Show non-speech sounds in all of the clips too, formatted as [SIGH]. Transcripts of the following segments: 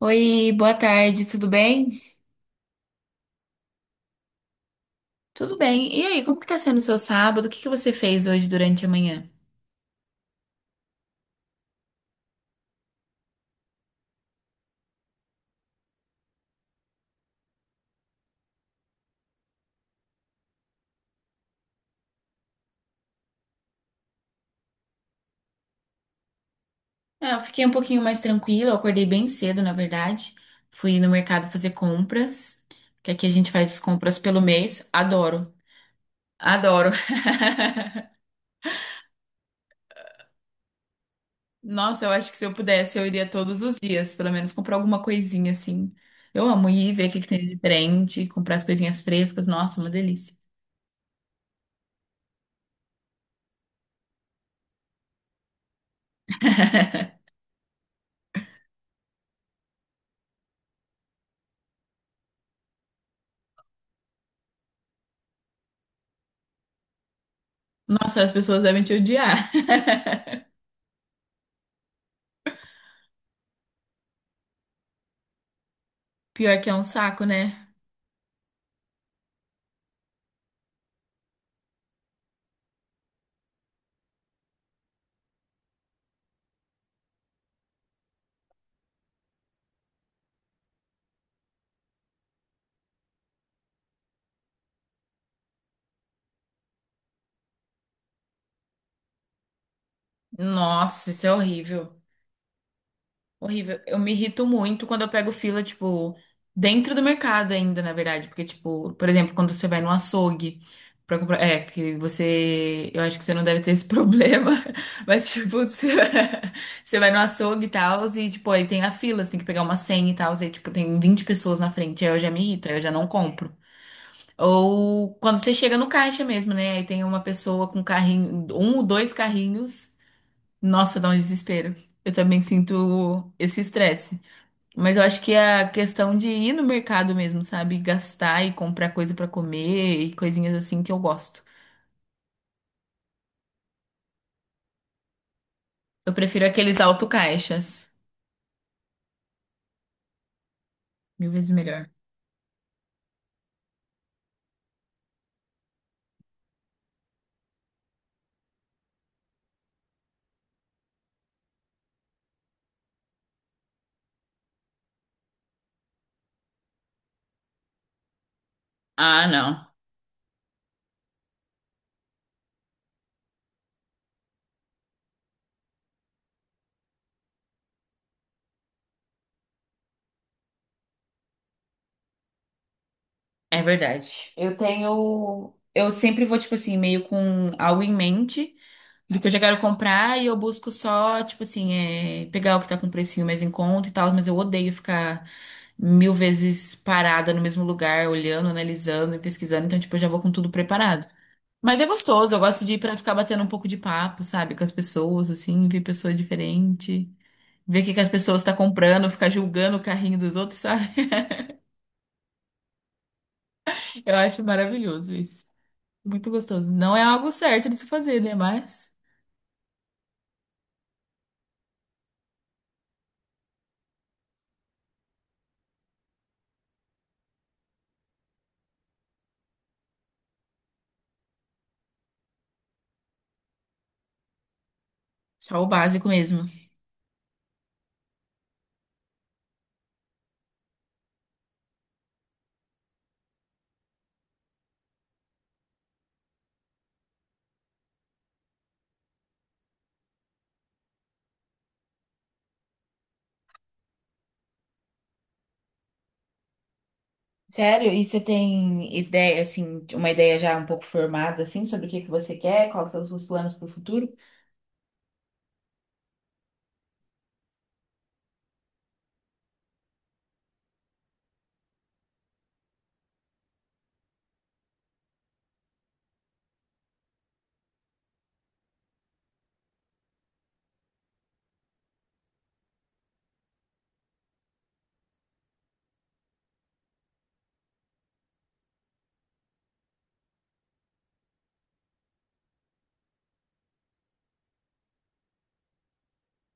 Oi, boa tarde, tudo bem? Tudo bem. E aí, como que tá sendo o seu sábado? O que que você fez hoje durante a manhã? Ah, eu fiquei um pouquinho mais tranquila, eu acordei bem cedo, na verdade. Fui no mercado fazer compras, que aqui a gente faz as compras pelo mês. Adoro, adoro. [LAUGHS] Nossa, eu acho que se eu pudesse, eu iria todos os dias, pelo menos comprar alguma coisinha assim. Eu amo ir ver o que que tem de diferente, comprar as coisinhas frescas. Nossa, uma delícia. Nossa, as pessoas devem te odiar. [LAUGHS] Pior que é um saco, né? Nossa, isso é horrível. Horrível. Eu me irrito muito quando eu pego fila, tipo, dentro do mercado ainda, na verdade. Porque, tipo, por exemplo, quando você vai no açougue pra comprar. É, que você. Eu acho que você não deve ter esse [LAUGHS] problema. Mas, tipo, você, [LAUGHS] você vai no açougue e tal, e, tipo, aí tem a fila, você tem que pegar uma senha e tal, e, tipo, tem 20 pessoas na frente. Aí eu já me irrito, aí eu já não compro. Ou quando você chega no caixa mesmo, né? Aí tem uma pessoa com carrinho, um ou dois carrinhos. Nossa, dá um desespero. Eu também sinto esse estresse. Mas eu acho que é a questão de ir no mercado mesmo, sabe? Gastar e comprar coisa pra comer e coisinhas assim que eu gosto. Eu prefiro aqueles autocaixas. Mil vezes melhor. Ah, não. É verdade. Eu tenho. Eu sempre vou, tipo assim, meio com algo em mente. Do que eu já quero comprar e eu busco só, tipo assim, é, pegar o que tá com precinho mais em conta e tal, mas eu odeio ficar mil vezes parada no mesmo lugar, olhando, analisando e pesquisando, então, tipo, eu já vou com tudo preparado. Mas é gostoso, eu gosto de ir pra ficar batendo um pouco de papo, sabe, com as pessoas, assim, ver pessoa diferente, ver o que que as pessoas estão comprando, ficar julgando o carrinho dos outros, sabe? [LAUGHS] Eu acho maravilhoso isso. Muito gostoso. Não é algo certo de se fazer, né? Mas só o básico mesmo. Sério? E você tem ideia, assim, de- uma ideia já um pouco formada, assim, sobre o que que você quer, quais são os seus planos para o futuro?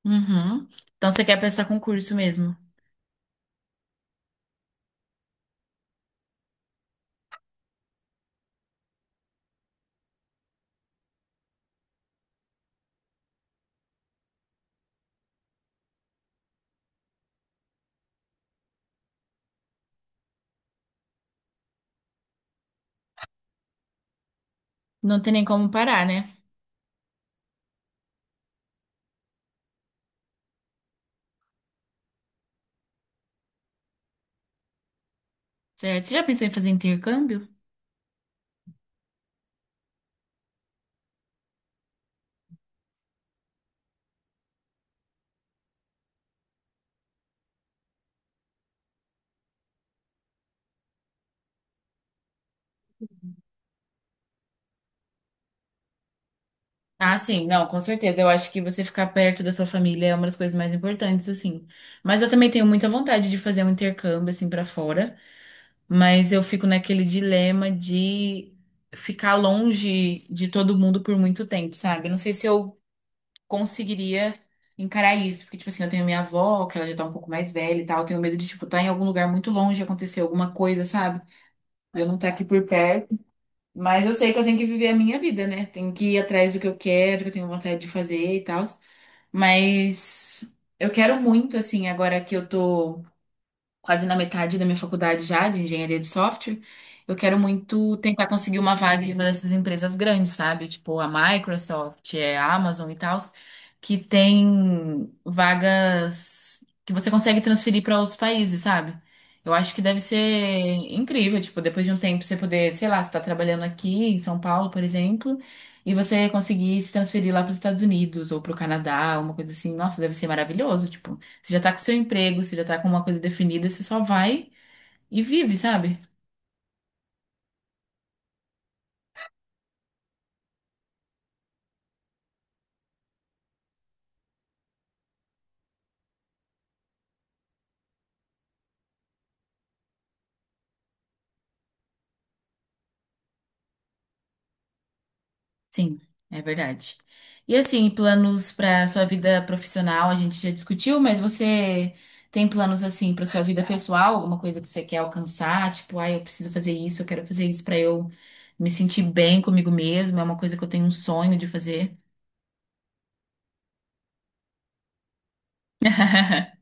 Uhum. Então você quer prestar concurso mesmo? Não tem nem como parar, né? Certo? Você já pensou em fazer intercâmbio? Ah, sim, não, com certeza. Eu acho que você ficar perto da sua família é uma das coisas mais importantes, assim. Mas eu também tenho muita vontade de fazer um intercâmbio, assim, pra fora. Mas eu fico naquele dilema de ficar longe de todo mundo por muito tempo, sabe? Eu não sei se eu conseguiria encarar isso, porque, tipo assim, eu tenho minha avó, que ela já tá um pouco mais velha e tal, eu tenho medo de, tipo, estar em algum lugar muito longe, acontecer alguma coisa, sabe? Eu não estar aqui por perto. Mas eu sei que eu tenho que viver a minha vida, né? Tenho que ir atrás do que eu quero, que eu tenho vontade de fazer e tal. Mas eu quero muito, assim, agora que eu tô quase na metade da minha faculdade já, de engenharia de software, eu quero muito tentar conseguir uma vaga em uma dessas empresas grandes, sabe? Tipo a Microsoft, é, a Amazon e tal, que tem vagas que você consegue transferir para outros países, sabe? Eu acho que deve ser incrível, tipo, depois de um tempo você poder, sei lá, você tá trabalhando aqui em São Paulo, por exemplo, e você conseguir se transferir lá para os Estados Unidos ou para o Canadá, uma coisa assim. Nossa, deve ser maravilhoso, tipo. Você já tá com seu emprego, você já tá com uma coisa definida, você só vai e vive, sabe? Sim, é verdade. E assim, planos para sua vida profissional, a gente já discutiu, mas você tem planos assim para sua vida pessoal, alguma coisa que você quer alcançar, tipo, ah, eu preciso fazer isso, eu quero fazer isso para eu me sentir bem comigo mesma, é uma coisa que eu tenho um sonho de fazer. [LAUGHS]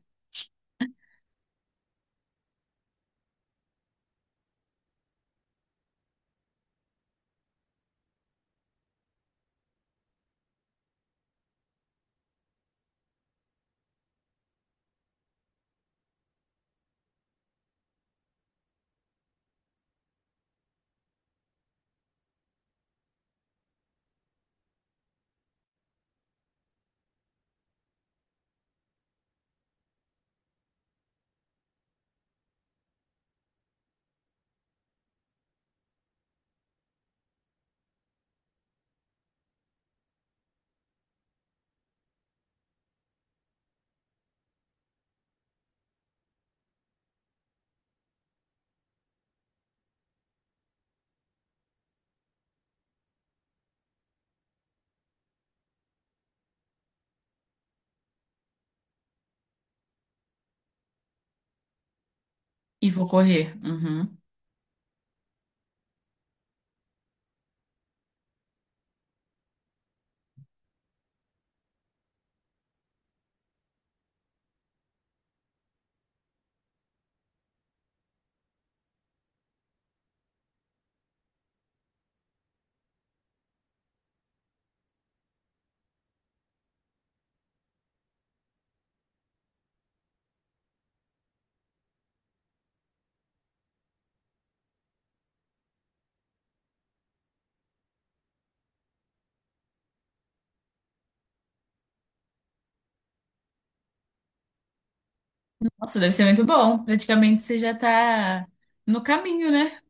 E vou correr. Uhum. Nossa, deve ser muito bom. Praticamente você já tá no caminho, né?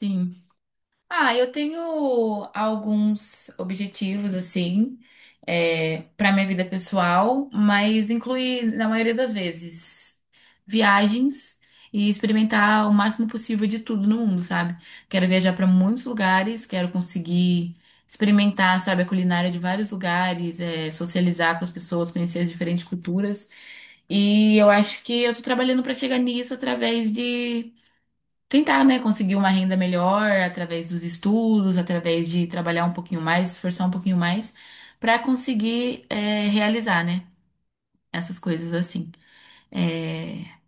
Sim. Ah, eu tenho alguns objetivos, assim, é, para minha vida pessoal, mas inclui, na maioria das vezes, viagens e experimentar o máximo possível de tudo no mundo, sabe? Quero viajar para muitos lugares, quero conseguir experimentar, sabe, a culinária de vários lugares, é, socializar com as pessoas, conhecer as diferentes culturas. E eu acho que eu tô trabalhando para chegar nisso através de tentar, né, conseguir uma renda melhor através dos estudos, através de trabalhar um pouquinho mais, esforçar um pouquinho mais, para conseguir é, realizar, né, essas coisas assim. É,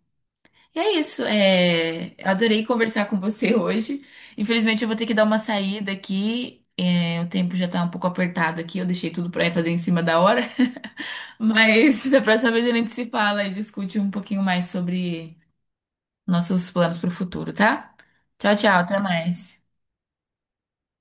e é isso. É... eu adorei conversar com você [LAUGHS] hoje. Infelizmente, eu vou ter que dar uma saída aqui. É, o tempo já tá um pouco apertado aqui, eu deixei tudo pra fazer em cima da hora, [LAUGHS] mas da próxima vez a gente se fala e discute um pouquinho mais sobre nossos planos pro futuro, tá? Tchau, tchau, até mais.